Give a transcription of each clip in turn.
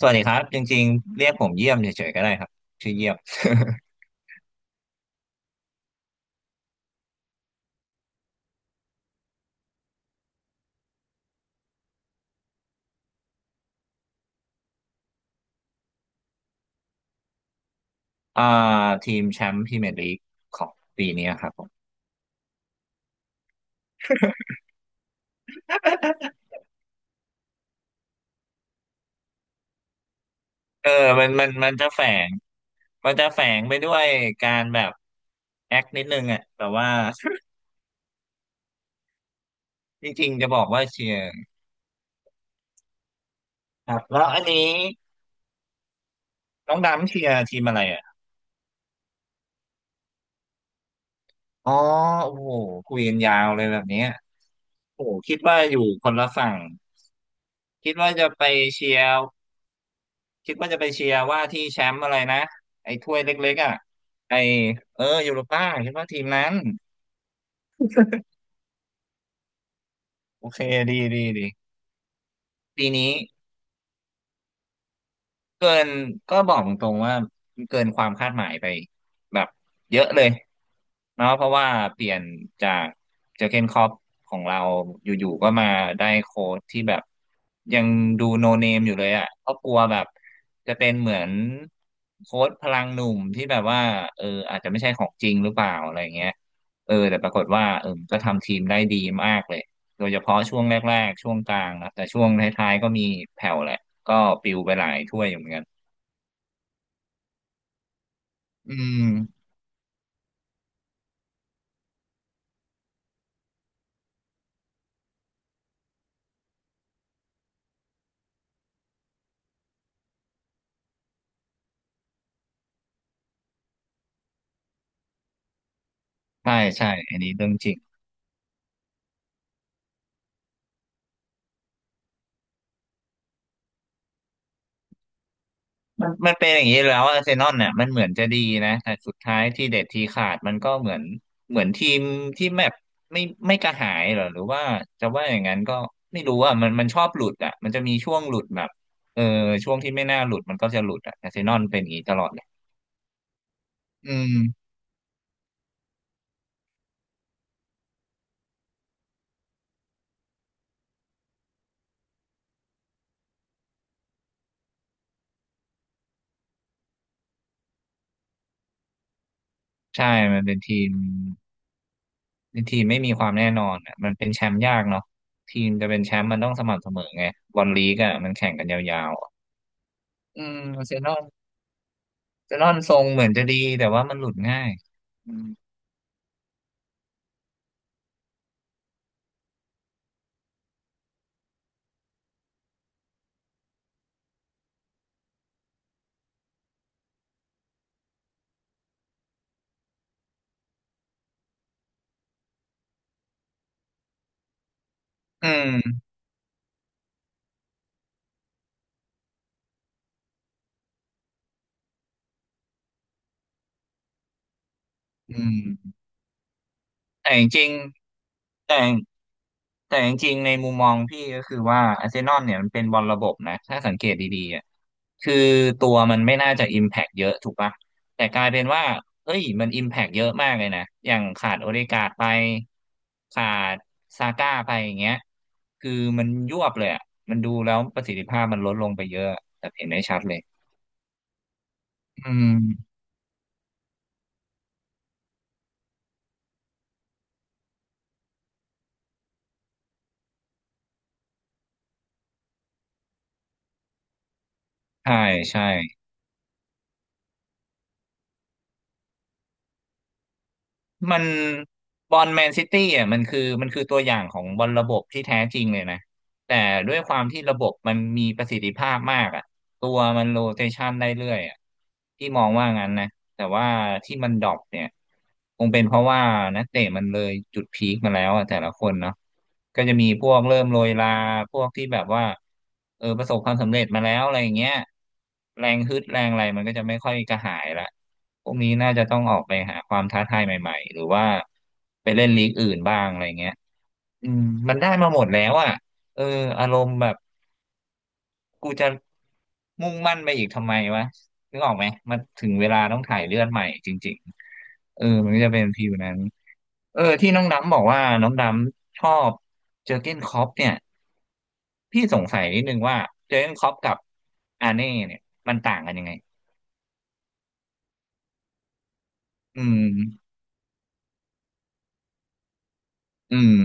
สวัสดีครับจริงๆเรียกผมเยี่ยมเฉยๆก็ได้ครับชื่อเยี่ยม อ่าทีมแชมป์พรีเมียร์ลีกของปีนี้ครับผมเออมันจะแฝงมันจะแฝงไปด้วยการแบบแอคนิดนึงอ่ะแต่ว่า จริงๆจะบอกว่าเชียร์ครับแล้วอันนี้น้องดำเชียร์ทีมอะไรอ่ะอ๋อโอ้โหคุยกันยาวเลยแบบเนี้ยโอ้โหคิดว่าอยู่คนละฝั่งคิดว่าจะไปเชียร์ คิดว่าจะไปเชียร์ว่าที่แชมป์อะไรนะไอ้ถ้วยเล็กๆอ่ะไอ้เออยูโรป้าคิดว่าทีมนั้นโอเคดีดีดีปีนี้ เกินก็บอกตรงๆว่ามันเกินความคาดหมายไปแบบเยอะเลยเนาะเพราะว่าเปลี่ยนจากเจอร์เกนคล็อปของเราอยู่ๆก็มาได้โค้ชที่แบบยังดูโนเนมอยู่เลยอ่ะก็กลัวแบบจะเป็นเหมือนโค้ชพลังหนุ่มที่แบบว่าเอออาจจะไม่ใช่ของจริงหรือเปล่าอะไรเงี้ยเออแต่ปรากฏว่าเออก็ทำทีมได้ดีมากเลยโดยเฉพาะช่วงแรกๆช่วงกลางนะแต่ช่วงท้ายๆก็มีแผ่วแหละ ก็ปิวไปหลายถ้วยอยู่เหมือนกันอืมใช่ใช่อันนี้เรื่องจริงมันเป็นอย่างนี้แล้วอาร์เซนอลเนี่ยมันเหมือนจะดีนะแต่สุดท้ายที่เด็ดทีขาดมันก็เหมือนเหมือนทีมที่แมปไม่ไม่กระหายเหรอหรือว่าจะว่าอย่างนั้นก็ไม่รู้อ่ะมันชอบหลุดอ่ะมันจะมีช่วงหลุดแบบเออช่วงที่ไม่น่าหลุดมันก็จะหลุดอ่ะอาร์เซนอลเป็นอย่างนี้ตลอดเลยอืมใช่มันเป็นทีม ทีมไม่มีความแน่นอนอ่ะมันเป็นแชมป์ยากเนาะทีมจะเป็นแชมป์มันต้องสม่ำเสมอไงบอลลีกอ่ะมันแข่งกันยาวๆอะอืมอาร์เซนอลอาร์เซนอลทรงเหมือนจะดีแต่ว่ามันหลุดง่ายอืมอืมอืม แต่จริงๆแต่แต่จริงๆในมุมมองพี่ก็คือว่าอาร์เซนอลเนี่ยมันเป็นบอลระบบนะถ้าสังเกตดีๆอ่ะคือตัวมันไม่น่าจะอิมแพกเยอะถูกปะแต่กลายเป็นว่าเฮ้ยมันอิมแพกเยอะมากเลยนะอย่างขาดโอเดการ์ดไปขาดซาก้าไปอย่างเงี้ยคือมันยวบเลยอ่ะมันดูแล้วประสิทธิภาพมันลดลงไปเยอะแบบเห็นได้ชัดเลยอืมใช่ใช่ มันบอลแมนซิตี้อ่ะมันคือตัวอย่างของบอลระบบที่แท้จริงเลยนะแต่ด้วยความที่ระบบมันมีประสิทธิภาพมากอ่ะตัวมันโรเตชันได้เรื่อยอ่ะที่มองว่างั้นนะแต่ว่าที่มันดรอปเนี่ยคงเป็นเพราะว่านักเตะมันเลยจุดพีคมาแล้วอ่ะแต่ละคนเนาะก็จะมีพวกเริ่มโรยลาพวกที่แบบว่าเออประสบความสำเร็จมาแล้วอะไรอย่างเงี้ยแรงฮึดแรงอะไรมันก็จะไม่ค่อยกระหายละ พวกนี้น่าจะต้องออกไปหาความท้าทายใหม่ๆหรือว่าไปเล่นลีกอื่นบ้างอะไรเงี้ยอืมมันได้มาหมดแล้วอ่ะ เอออารมณ์แบบกูจะมุ่งมั่นไปอีกทำไมวะนึกออกไหมมันถึงเวลาต้องถ่ายเลือดใหม่จริงๆเออมันก็จะเป็นฟีลนั้น เออที่น้องดำบอกว่าน้องดำชอบเจอร์เก้นคล็อปเนี่ยพี่สงสัยนิดนึงว่าเจอร์เก้นคล็อปกับอาเน่เนี่ยมันต่างกันยังไงอืมอืม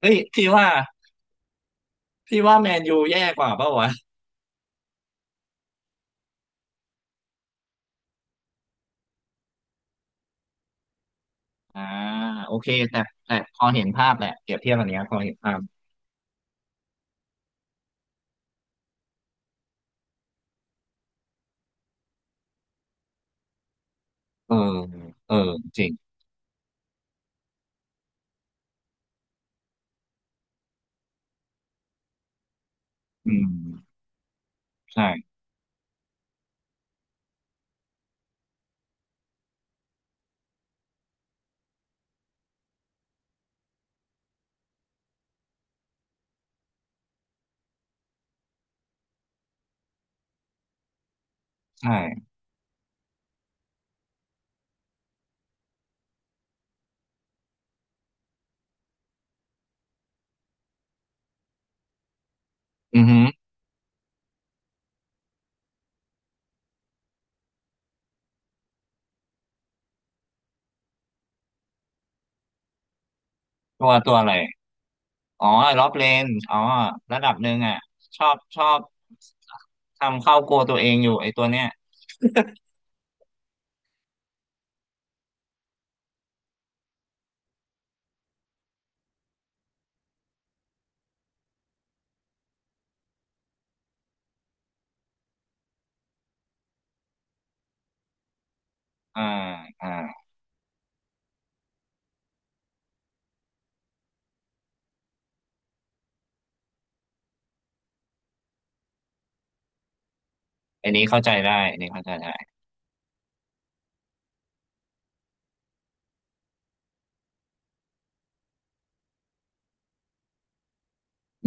เฮ้ยพี่ว่า พี่ว่าแมนยูแย่กว่าเปล่าวะอ่าโอเคแต่พอเห็นภาพแหละเปรียบเทียบอันเนี้ยพอเห็นภาพเออเออจริงอืมใช่ใช่อือหือตัวตัวอะไรอ๋อล็อบเลนอ๋อระดับหนึ่งอ่ะชอบชอบทำเข้าโกลตัวเองอยู่ไอ้ตัวเนี้ยอ่าอ่าอันนี้เข้าใจได้อันนี้เข้าใจได้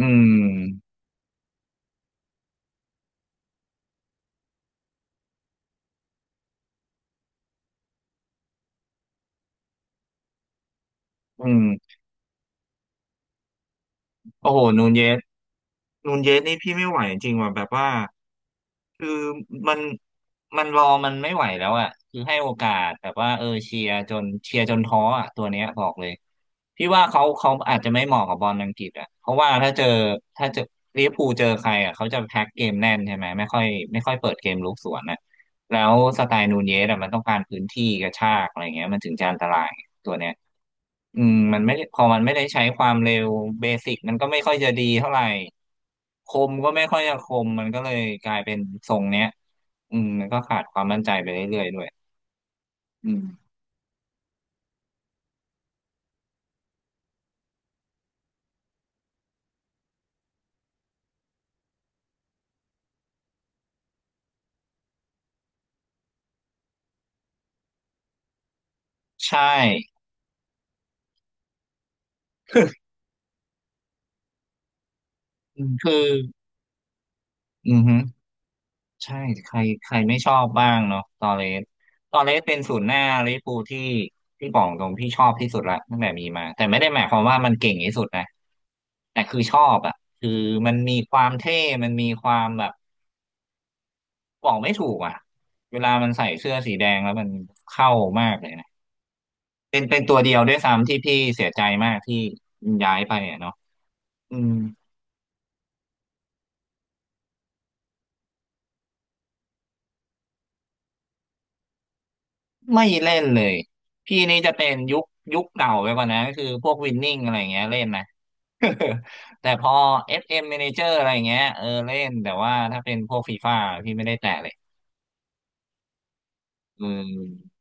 อืมอืมโอ้โหนูนเยส นูนเยสนี่พี่ไม่ไหวจริงว่ะแบบว่าคือมันมันรอมันไม่ไหวแล้วอ่ะคือให้โอกาสแบบว่าเออเชียร์จนเชียร์จนท้ออ่ะตัวเนี้ยบอกเลยพี่ว่าเขาอาจจะไม่เหมาะกับบอลอังกฤษอ่ะเพราะว่าถ้าเจอถ้าเจอลิเวอร์พูลเจอใครอ่ะเขาจะแพ็คเกมแน่นใช่ไหมไม่ค่อยเปิดเกมลุกสวนนะแล้วสไตล์นูนเยสอ่ะมันต้องการพื้นที่กระชากอะไรเงี้ยมันถึงจะอันตรายตัวเนี้ย มันไม่ได้พอมันไม่ได้ใช้ความเร็วเบสิกมันก็ไม่ค่อยจะดีเท่าไหร่คมก็ไม่ค่อยจะคมมันก็เลยกลายเป็นทรงเนี้ยมันก็ขาดความมั่นใจไปเรื่อยๆด้วยอืมใช่อืมคืออือฮึใช่ใครใครไม่ชอบบ้างเนาะตอเรสตอเรสเป็นศูนย์หน้าลิเวอร์พูลที่บอกตรงพี่ชอบที่สุดละตั้งแต่มีมาแต่ไม่ได้หมายความว่ามันเก่งที่สุดนะแต่คือชอบอ่ะคือมันมีความเท่มันมีความแบบ บอกไม่ถูกอ่ะเวลามันใส่เสื้อสีแดงแล้วมันเข้ามากเลยนะเป็นตัวเดียวด้วยซ้ำที่พี่เสียใจมากที่ย้ายไปอ่ะเนาะอืมไม่เล่นเลย พี่นี่จะเป็นยุคเก่าไปกว่านะก็คือพวกวินนิ่งอะไรอย่างเงี้ยเล่นนะ แต่พอ FM Manager อะไรอย่างเงี้ยเออเล่นแต่ว่าถ้าเป็นพวกฟีฟ่าพี่ไม่ได้แตะเลยอืม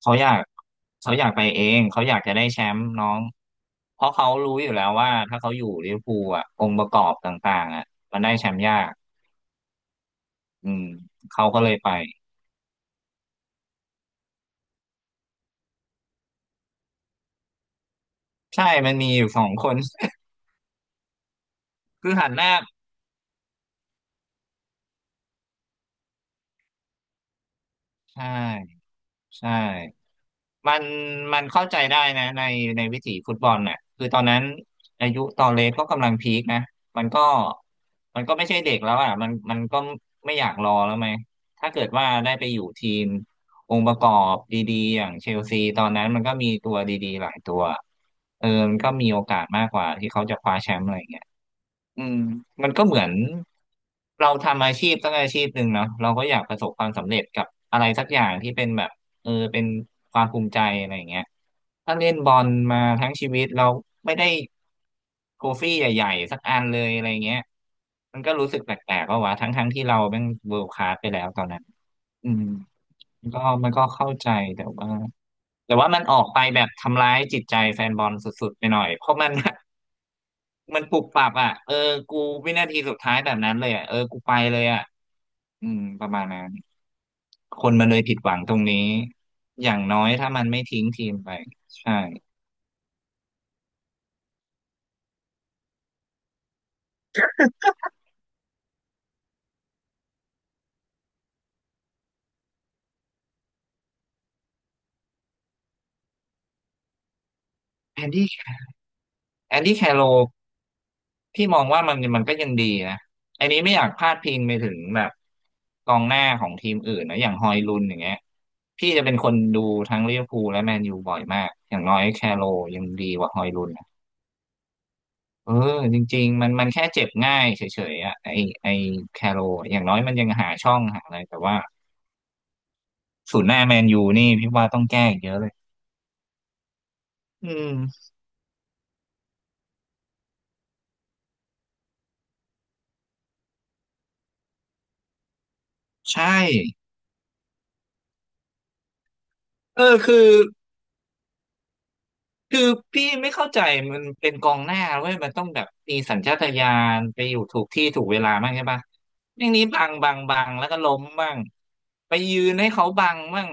เขาอยากเขาอยากไปเองเขาอยากจะได้แชมป์น้องเพราะเขารู้อยู่แล้วว่าถ้าเขาอยู่ลิเวอร์พูลอ่ะองค์ประกอบต่างๆอ่ะมันได้แชมป์ยากอืมเขาก็เลยไปใช่มันมีอยู่สองคน คือหันหน้าใช่ ใช่มันมันเข้าใจได้นะในวิถีฟุตบอลน่ะคือตอนนั้นอายุตอนเล็กก็กำลังพีคนะมันก็มันก็ไม่ใช่เด็กแล้วอ่ะมันก็ไม่อยากรอแล้วไหมถ้าเกิดว่าได้ไปอยู่ทีมองค์ประกอบดีๆอย่างเชลซีตอนนั้นมันก็มีตัวดีๆหลายตัวเออมันก็มีโอกาสมากกว่าที่เขาจะคว้าแชมป์อะไรอย่างเงี้ย อืมมันก็เหมือนเราทำอาชีพสักอาชีพหนึ่งเนาะเราก็อยากประสบความสำเร็จกับอะไรสักอย่างที่เป็นแบบเออเป็นความภูมิใจอะไรอย่างเงี้ยถ้าเล่นบอลมาทั้งชีวิตเราไม่ได้โทฟี่ใหญ่ๆสักอันเลยอะไรเงี้ยมันก็รู้สึกแปลกๆว่าวะทั้งๆที่เราเป็นเวิลด์คลาสไปแล้วตอนนั้นอืมมันก็เข้าใจแต่ว่ามันออกไปแบบทำร้ายจิตใจแฟนบอลสุดๆไปหน่อยเพราะมัน มันปุบปับอ่ะเออกูวินาทีสุดท้ายแบบนั้นเลยอ่ะเออกูไปเลยอ่ะอืมประมาณนั้นคนมันเลยผิดหวังตรงนี้อย่างน้อยถ้ามันไม่ทิ้งทีมไปใช่แอนดี้แอนดี้แคโรพี่มองว่ามันก็ยังดีนะอันนี้ไม่อยากพาดพิงไปถึงแบบกองหน้าของทีมอื่นนะอย่างฮอยลุนอย่างเงี้ยพี่จะเป็นคนดูทั้งลิเวอร์พูลและแมนยูบ่อยมากอย่างน้อยแคโรยังดีกว่าฮอยลุน เออจริงๆมันแค่เจ็บง่ายเฉยๆอ่ะไอแคโรอย่างน้อยมันยังหาช่องหาอะไรแต่ว่าศูนย์หน้าแมนยูนี่พี่ว่าต้องแก้อีกเยอะเลยอืมใช่เออคือ คือพี่ไม่เข้าใจมันเป็นกองหน้าเว้ยมันต้องแบบมีสัญชาตญาณไปอยู่ถูกที่ถูกเวลามากใช่ปะอย่างนี้บังแล้วก็ล้มบ้างไปยืนให้เขาบังบ้าง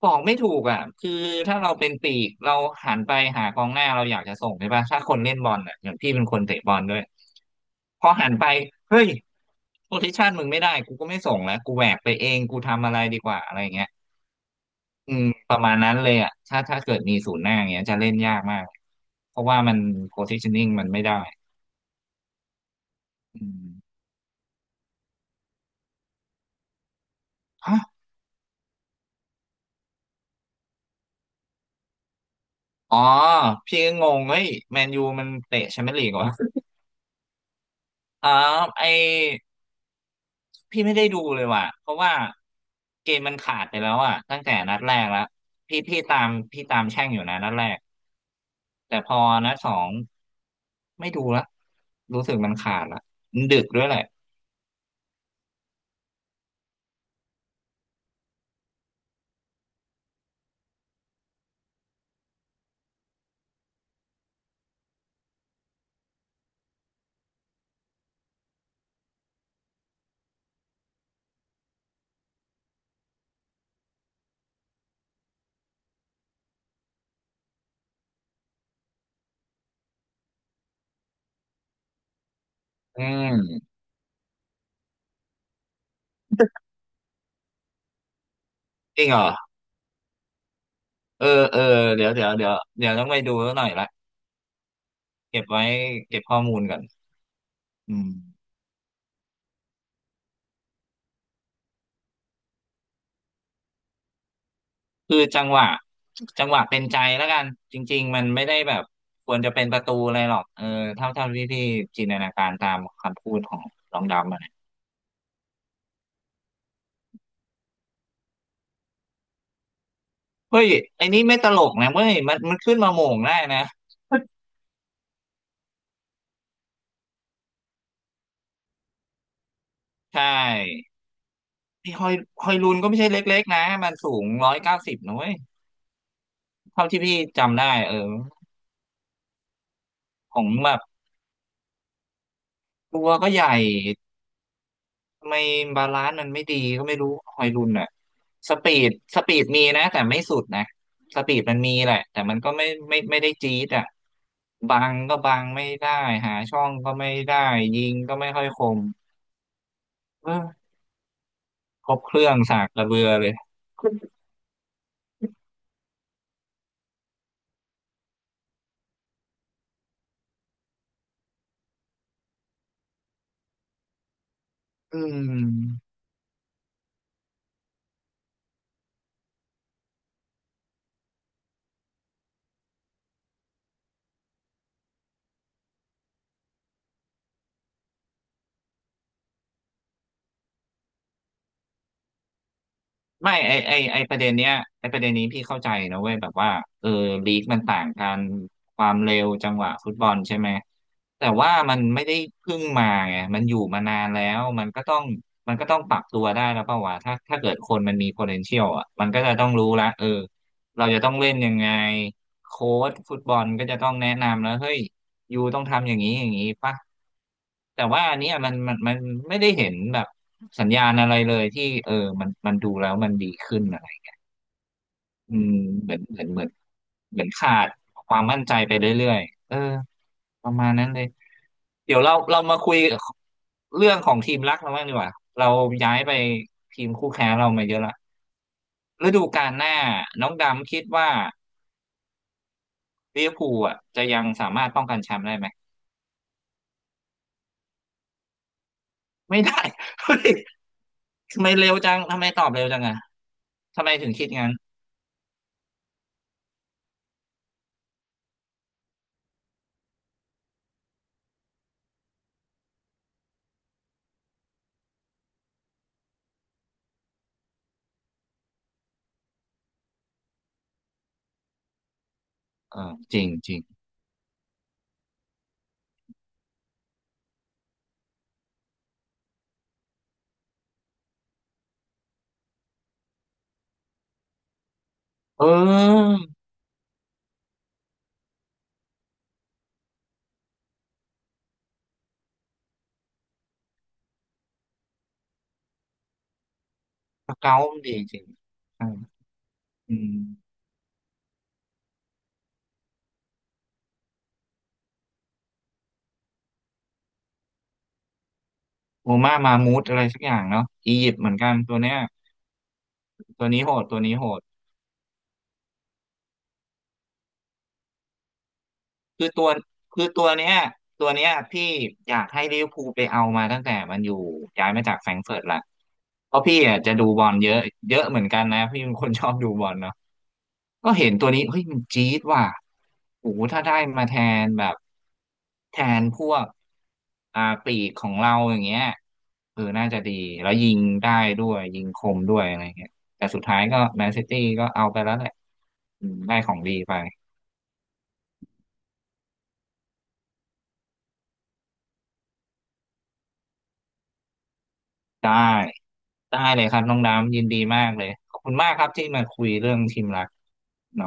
บอกไม่ถูกอ่ะคือถ้าเราเป็นปีกเราหันไปหากองหน้าเราอยากจะส่งใช่ปะถ้าคนเล่นบอลอ่ะอย่างพี่เป็นคนเตะบอลด้วยพอหันไปเฮ้ยโพซิชันมึงไม่ได้กูก็ไม่ส่งแล้วกูแหวกไปเองกูทำอะไรดีกว่าอะไรอย่างเงี้ย อืมประมาณนั้นเลยอ่ะถ้าเกิดมีศูนย์หน้าอย่างเงี้ยจะเล่นยากมากเพราะว่ามัน positioning มันไม่ได้อืมฮะอ๋อพี่ก็งงเฮ้ยแมนยูมันเตะแชมเปี้ยนลีกเหรออ๋อไอพี่ไม่ได้ดูเลยว่ะเพราะว่าเกมมันขาดไปแล้วอ่ะตั้งแต่นัดแรกแล้วพี่ตามตามแช่งอยู่นะนัดแรกแต่พอนัดสองไม่ดูละรู้สึกมันขาดละมันดึกด้วยแหละอืมจริงเหรอ เออเออเดี๋ยวเดี๋ยวต้องไปดูแล้วหน่อยละ เก็บไว้เก็บข้อมูลก่อนอืมคือจังหวะจังหวะเป็นใจแล้วกัน จริงๆมันไม่ได้แบบควรจะเป็นประตูอะไรหรอกเออเท่าที่พี่จินตนาการตามคำพูดของน้องดำอะนะเฮ้ยไอ้นี่ไม่ตลกนะเว้ยมันขึ้นมาโหม่งได้นะ ใช่นี่ฮอยลูนก็ไม่ใช่เล็กๆนะ มันสูง190นะเว้ย เท่าที่พี่จำได้เออของแบบตัวก็ใหญ่ ทำไมบาลานซ์มันไม่ดีก็ไม่รู้ฮอยลุนอ่ะสปีดสปีดมีนะแต่ไม่สุดนะสปีดมันมีแหละแต่มันก็ไม่ได้จี๊ดอ่ะบังก็บังไม่ได้หาช่องก็ไม่ได้ยิงก็ไม่ค่อยคมเออครบเครื่องสากกระเบือเลยอืม ไม่ไอประเด็นเนี้ยไอประเด็นนี้พี่เข้าใจนะเว้ยแบบว่าเออลีกมันต่างกันความเร็วจังหวะฟุตบอลใช่ไหมแต่ว่ามันไม่ได้เพิ่งมาไงมันอยู่มานานแล้วมันก็ต้องปรับตัวได้แล้วเปล่าวะถ้าเกิดคนมันมี potential อ่ะมันก็จะต้องรู้ละเออเราจะต้องเล่นยังไงโค้ชฟุตบอลก็จะต้องแนะนำแล้วเฮ้ยยูต้องทำอย่างนี้อย่างนี้ป่ะแต่ว่าอันเนี้ยมันไม่ได้เห็นแบบ สัญญาณอะไรเลยที่เออมันดูแล้วมันดีขึ้นอะไรอืมเหมือนเหมือนเหมือนเหมือนขาดความมั่นใจไปเรื่อยๆเออประมาณนั้นเลยเดี๋ยวเรามาคุยเรื่องของทีมรักเราบ้างดีกว่าเราย้ายไปทีมคู่แข่งเรามาเยอะละฤดูกาลหน้าน้องดำคิดว่าลิเวอร์พูลอ่ะจะยังสามารถป้องกันแชมป์ได้ไหมไม่ได้ เฮ้ยทำไมเร็วจังทำไมตอบเร็วจังอ่ะทำไมถึงคิดงั้นเออจริงจริงเออ สเกาต์ดีจริงๆใช่อืมโอมามามูดอะไรสักอย่างเนาะอียิปต์เหมือนกันตัวเนี้ยตัวนี้โหดตัวนี้โหด คือตัวคือตัวเนี้ยตัวเนี้ยพี่อยากให้ลิเวอร์พูลไปเอามาตั้งแต่มันอยู่ย้ายมาจากแฟรงก์เฟิร์ตละเพราะพี่อ่ะจะดูบอลเยอะเยอะเหมือนกันนะพี่เป็นคนชอบดูบอลเนาะก็เห็นตัวนี้เฮ้ยมันจี๊ดว่ะโอ้โหถ้าได้มาแทนแบบแทนพวกอ่าปีกของเราอย่างเงี้ยเออน่าจะดีแล้วยิงได้ด้วยยิงคมด้วยอะไรเงี้ยแต่สุดท้ายก็แมนซิตี้ก็เอาไปแล้วแหละอืมได้ของดีไป ได้ได้เลยครับน้องดามยินดีมากเลยขอบคุณมากครับที่มาคุยเรื่องทีมรัก